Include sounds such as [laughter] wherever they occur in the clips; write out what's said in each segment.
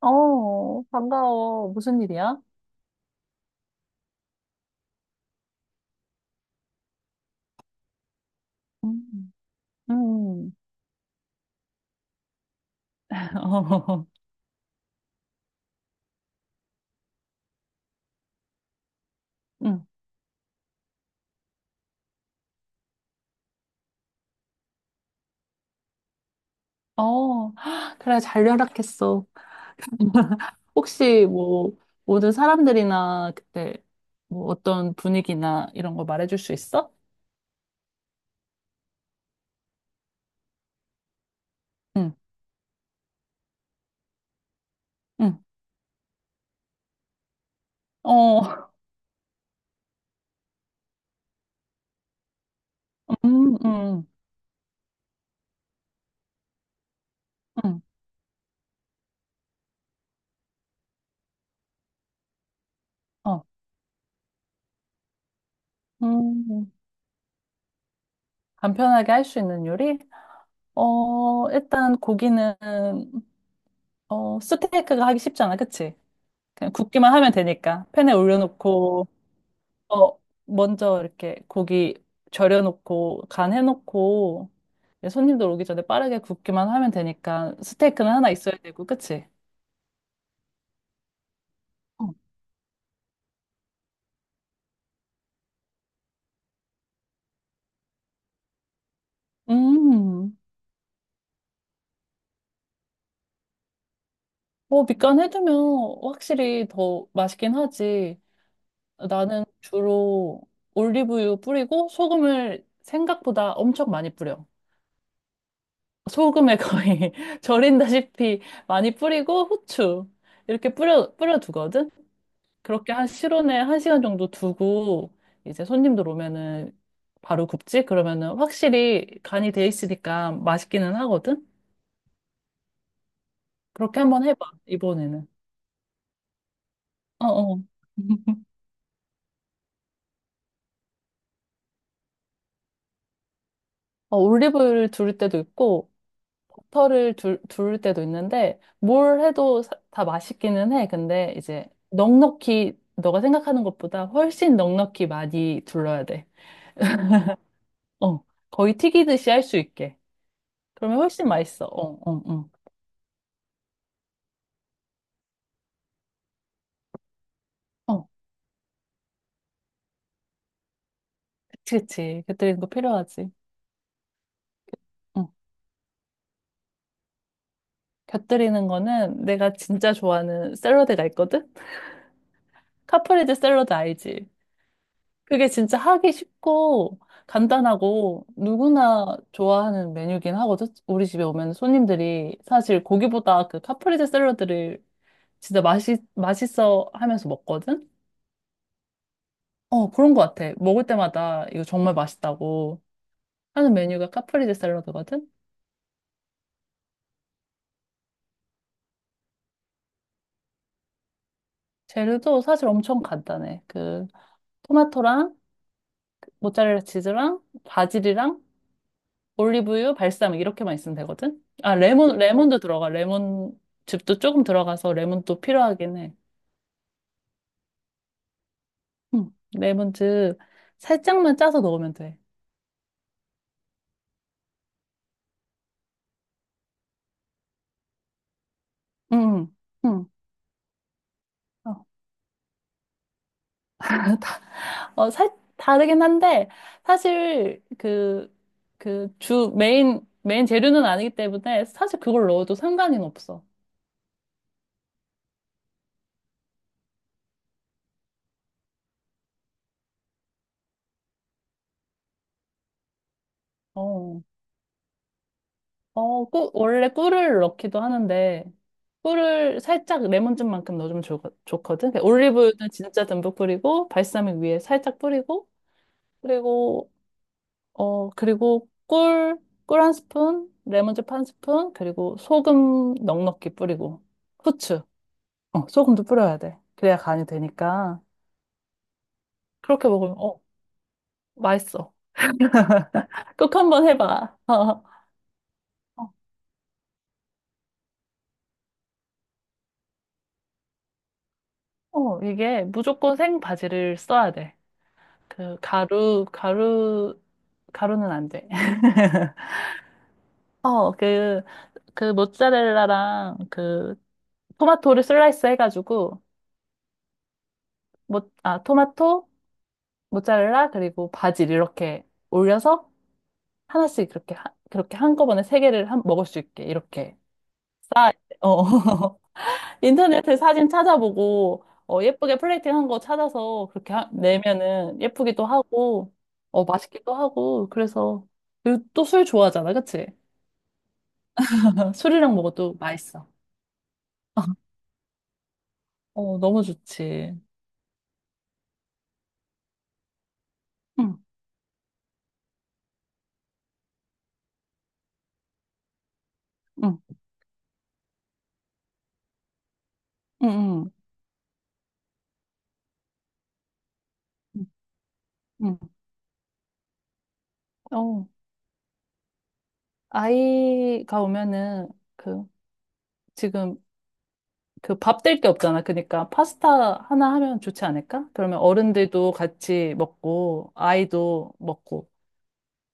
어, 반가워. 무슨 일이야? 음. 음, [laughs] 어, 음, 어, [gasps] 그래, 잘 연락했어. [laughs] 혹시 뭐, 모든 사람들이나 그때 뭐 어떤 분위기나 이런 거 말해줄 수 있어? 응, 응, 어, [laughs] 음, 음, 음, 어, 음, 간편하게 할 수 있는 요리? 어, 일단 고기는, 어, 스테이크가 하기 쉽잖아, 그치? 그냥 굽기만 하면 되니까. 팬에 올려놓고, 어, 먼저 이렇게 고기 절여놓고 간 해놓고 이제 손님들 오기 전에 빠르게 굽기만 하면 되니까 스테이크는 하나 있어야 되고, 그치? 어, 음, 뭐 밑간 해두면 확실히 더 맛있긴 하지. 나는 주로 올리브유 뿌리고 소금을 생각보다 엄청 많이 뿌려. 소금에 거의 [laughs] 절인다시피 많이 뿌리고 후추 이렇게 뿌려 두거든. 그렇게 한 실온에 한 시간 정도 두고 이제 손님들 오면은 바로 굽지? 그러면은 확실히 간이 돼 있으니까 맛있기는 하거든? 그렇게 한번 해봐, 이번에는. 어, [laughs] 어. 어, 올리브유를 두를 때도 있고, 버터를 두를 때도 있는데, 뭘 해도 다 맛있기는 해. 근데 이제 넉넉히, 너가 생각하는 것보다 훨씬 넉넉히 많이 둘러야 돼. 어, 거의 튀기듯이 할 수 있게. 그러면 훨씬 맛있어. 어, 어, 어. 그치, 그치. 곁들이는 거 필요하지. 응. 곁들이는 거는 내가 진짜 좋아하는 샐러드가 있거든? 카프레제 샐러드 알지? 그게 진짜 하기 쉽고 간단하고 누구나 좋아하는 메뉴긴 하거든? 우리 집에 오면 손님들이 사실 고기보다 그 카프레제 샐러드를 진짜 맛있어 하면서 먹거든? 어, 그런 것 같아. 먹을 때마다 이거 정말 맛있다고 하는 메뉴가 카프레제 샐러드거든? 재료도 사실 엄청 간단해. 그 토마토랑 모짜렐라 치즈랑 바질이랑 올리브유, 발사믹 이렇게만 있으면 되거든. 아, 레몬도 들어가. 레몬 즙도 조금 들어가서 레몬도 필요하긴 해. 응. 레몬즙 살짝만 짜서 넣으면 돼. 응. 응. 어, [laughs] 다- 어, 살 다르긴 한데 사실 그 주 메인 재료는 아니기 때문에 사실 그걸 넣어도 상관은 없어. 어. 어, 꿀, 원래 꿀을 넣기도 하는데, 꿀을 살짝 레몬즙만큼 넣어주면 좋거든. 그러니까 올리브유는 진짜 듬뿍 뿌리고, 발사믹 위에 살짝 뿌리고, 그리고, 그리고 꿀 한 스푼, 레몬즙 한 스푼, 그리고 소금 넉넉히 뿌리고, 후추, 어, 소금도 뿌려야 돼. 그래야 간이 되니까. 그렇게 먹으면, 어, 맛있어. [laughs] 꼭 한번 해봐. [laughs] 어, 어, 이게 무조건 생 바지를 써야 돼. 그 가루는 안 돼. [laughs] 어, 그 모짜렐라랑 그 토마토를 슬라이스 해가지고 아 토마토 모짜렐라 그리고 바질 이렇게 올려서 하나씩 그렇게 그렇게 한꺼번에 세 개를 먹을 수 있게 이렇게 싸. 어 [laughs] 인터넷에 사진 찾아보고 어, 예쁘게 플레이팅 한 거 찾아서 그렇게 내면은 예쁘기도 하고 어 맛있기도 하고 그래서 그 또술 좋아하잖아, 그치? [laughs] 술이랑 먹어도 맛있어. 어, 너무 좋지. 응, 응, 응, 응, 응. 응. 어, 아이가 오면은 그 지금 그 밥 될 게 없잖아. 그러니까 파스타 하나 하면 좋지 않을까? 그러면 어른들도 같이 먹고 아이도 먹고.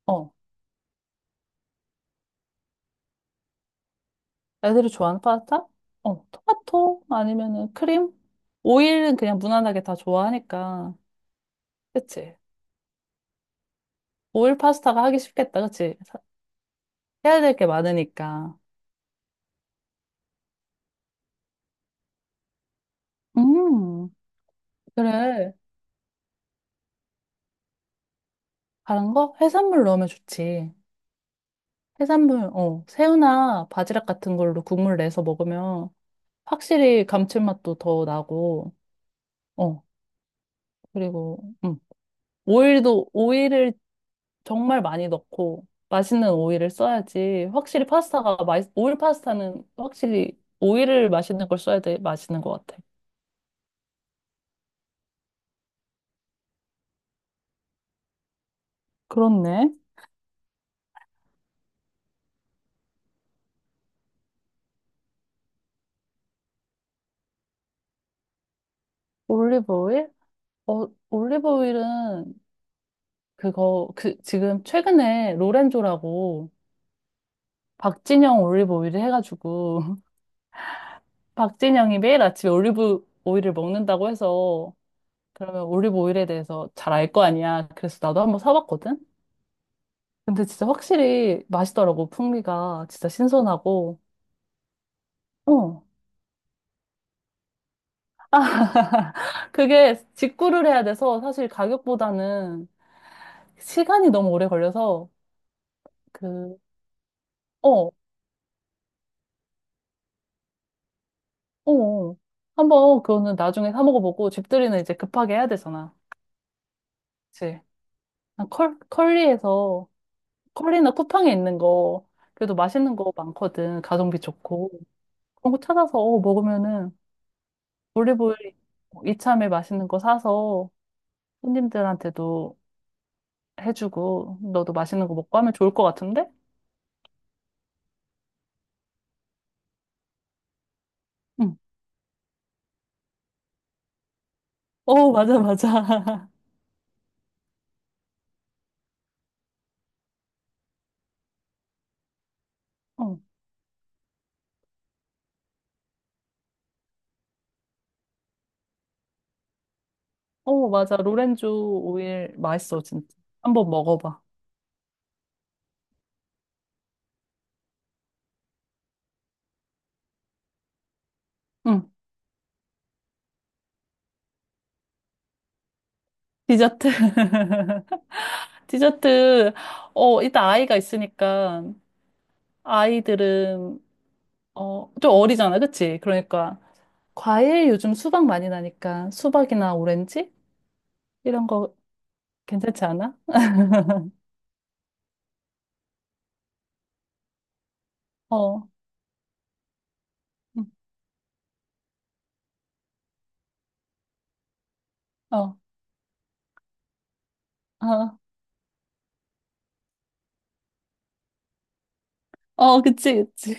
어, 애들이 좋아하는 파스타? 어, 토마토 아니면은 크림? 오일은 그냥 무난하게 다 좋아하니까. 그치? 오일 파스타가 하기 쉽겠다. 그치? 해야 될 게 많으니까. 음. 그래. 다른 거? 해산물 넣으면 좋지. 해산물, 어, 새우나 바지락 같은 걸로 국물 내서 먹으면 확실히 감칠맛도 더 나고, 어, 그리고, 음, 오일도, 오일을 정말 많이 넣고, 맛있는 오일을 써야지. 확실히 파스타가 오일 파스타는 확실히 오일을 맛있는 걸 써야 돼. 맛있는 것 같아. 그렇네. 올리브 오일? 어, 올리브 오일은 그거, 그, 지금 최근에 로렌조라고 박진영 올리브 오일을 해가지고 [laughs] 박진영이 매일 아침에 올리브 오일을 먹는다고 해서 그러면 올리브 오일에 대해서 잘 알 거 아니야. 그래서 나도 한번 사봤거든. 근데 진짜 확실히 맛있더라고. 풍미가 진짜 신선하고. 어. 아, [laughs] 그게 직구를 해야 돼서 사실 가격보다는 시간이 너무 오래 걸려서 그, 어, 어, 어. 한번 그거는 나중에 사 먹어보고 집들이는 이제 급하게 해야 되잖아. 그치? 난 컬, 컬리에서 컬리나 쿠팡에 있는 거 그래도 맛있는 거 많거든. 가성비 좋고. 그런 거 찾아서 어, 먹으면은 올리브오일 이참에 맛있는 거 사서 손님들한테도 해주고 너도 맛있는 거 먹고 하면 좋을 것 같은데? 응. 어, 맞아, 맞아. [laughs] 어, 어, 맞아. 로렌조 오일 맛있어, 진짜. 한번 먹어봐. 응. 디저트. [laughs] 디저트. 어, 일단 아이가 있으니까 아이들은 어, 좀 어리잖아, 그치? 그러니까 과일 요즘 수박 많이 나니까 수박이나 오렌지 이런 거 괜찮지 않아? 어, 응. 어, 어, 어, 그치, 그치.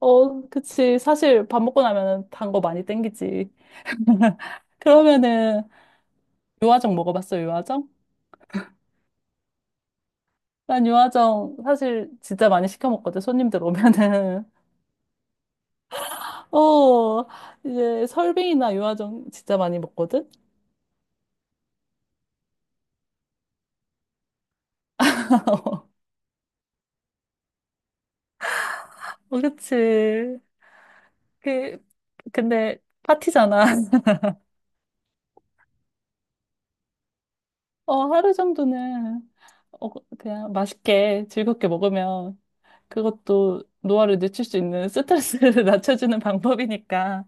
어, 그치. 사실 밥 먹고 나면은 단 거 많이 땡기지. [laughs] 그러면은 유화정 먹어봤어, 유화정? 난 유화정 사실 진짜 많이 시켜 먹거든. 손님들 오면은 [laughs] 어 이제 설빙이나 유화정 진짜 많이 먹거든. [laughs] 어, 그치. 그 근데 파티잖아. 어, 하루 정도는 어, 그, 그냥 맛있게 즐겁게 먹으면 그것도 노화를 늦출 수 있는 스트레스를 [laughs] 낮춰주는 방법이니까.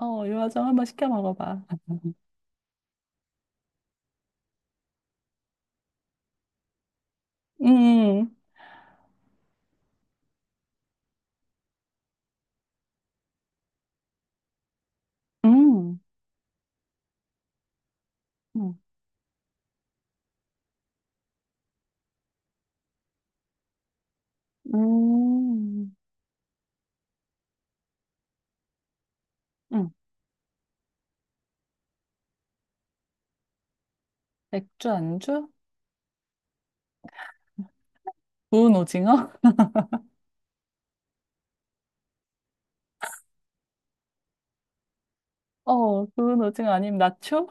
어, 유화정 한번 시켜 먹어봐. 음, 음, 음, 음, 음. 맥주 안주? 구운 오징어? [laughs] 어, 구운 오징어 아니면 나초?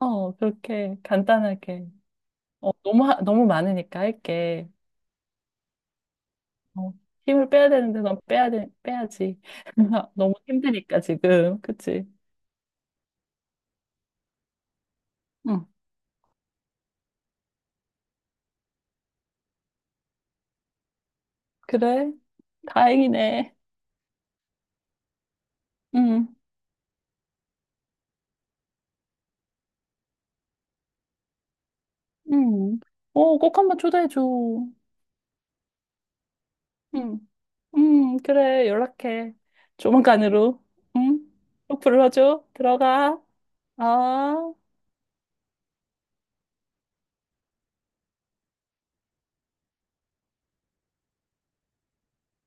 어, 그렇게 간단하게. 어, 너무 많으니까 할게. 어, 힘을 빼야 되는데 난 빼야 돼, 빼야지. [laughs] 너무 힘드니까 지금. 그치? 응. 그래? 다행이네. 응. 응. 어, 꼭 한번 초대해줘. 응. 응, 그래. 연락해. 조만간으로. 응? 또 불러줘. 들어가. 아.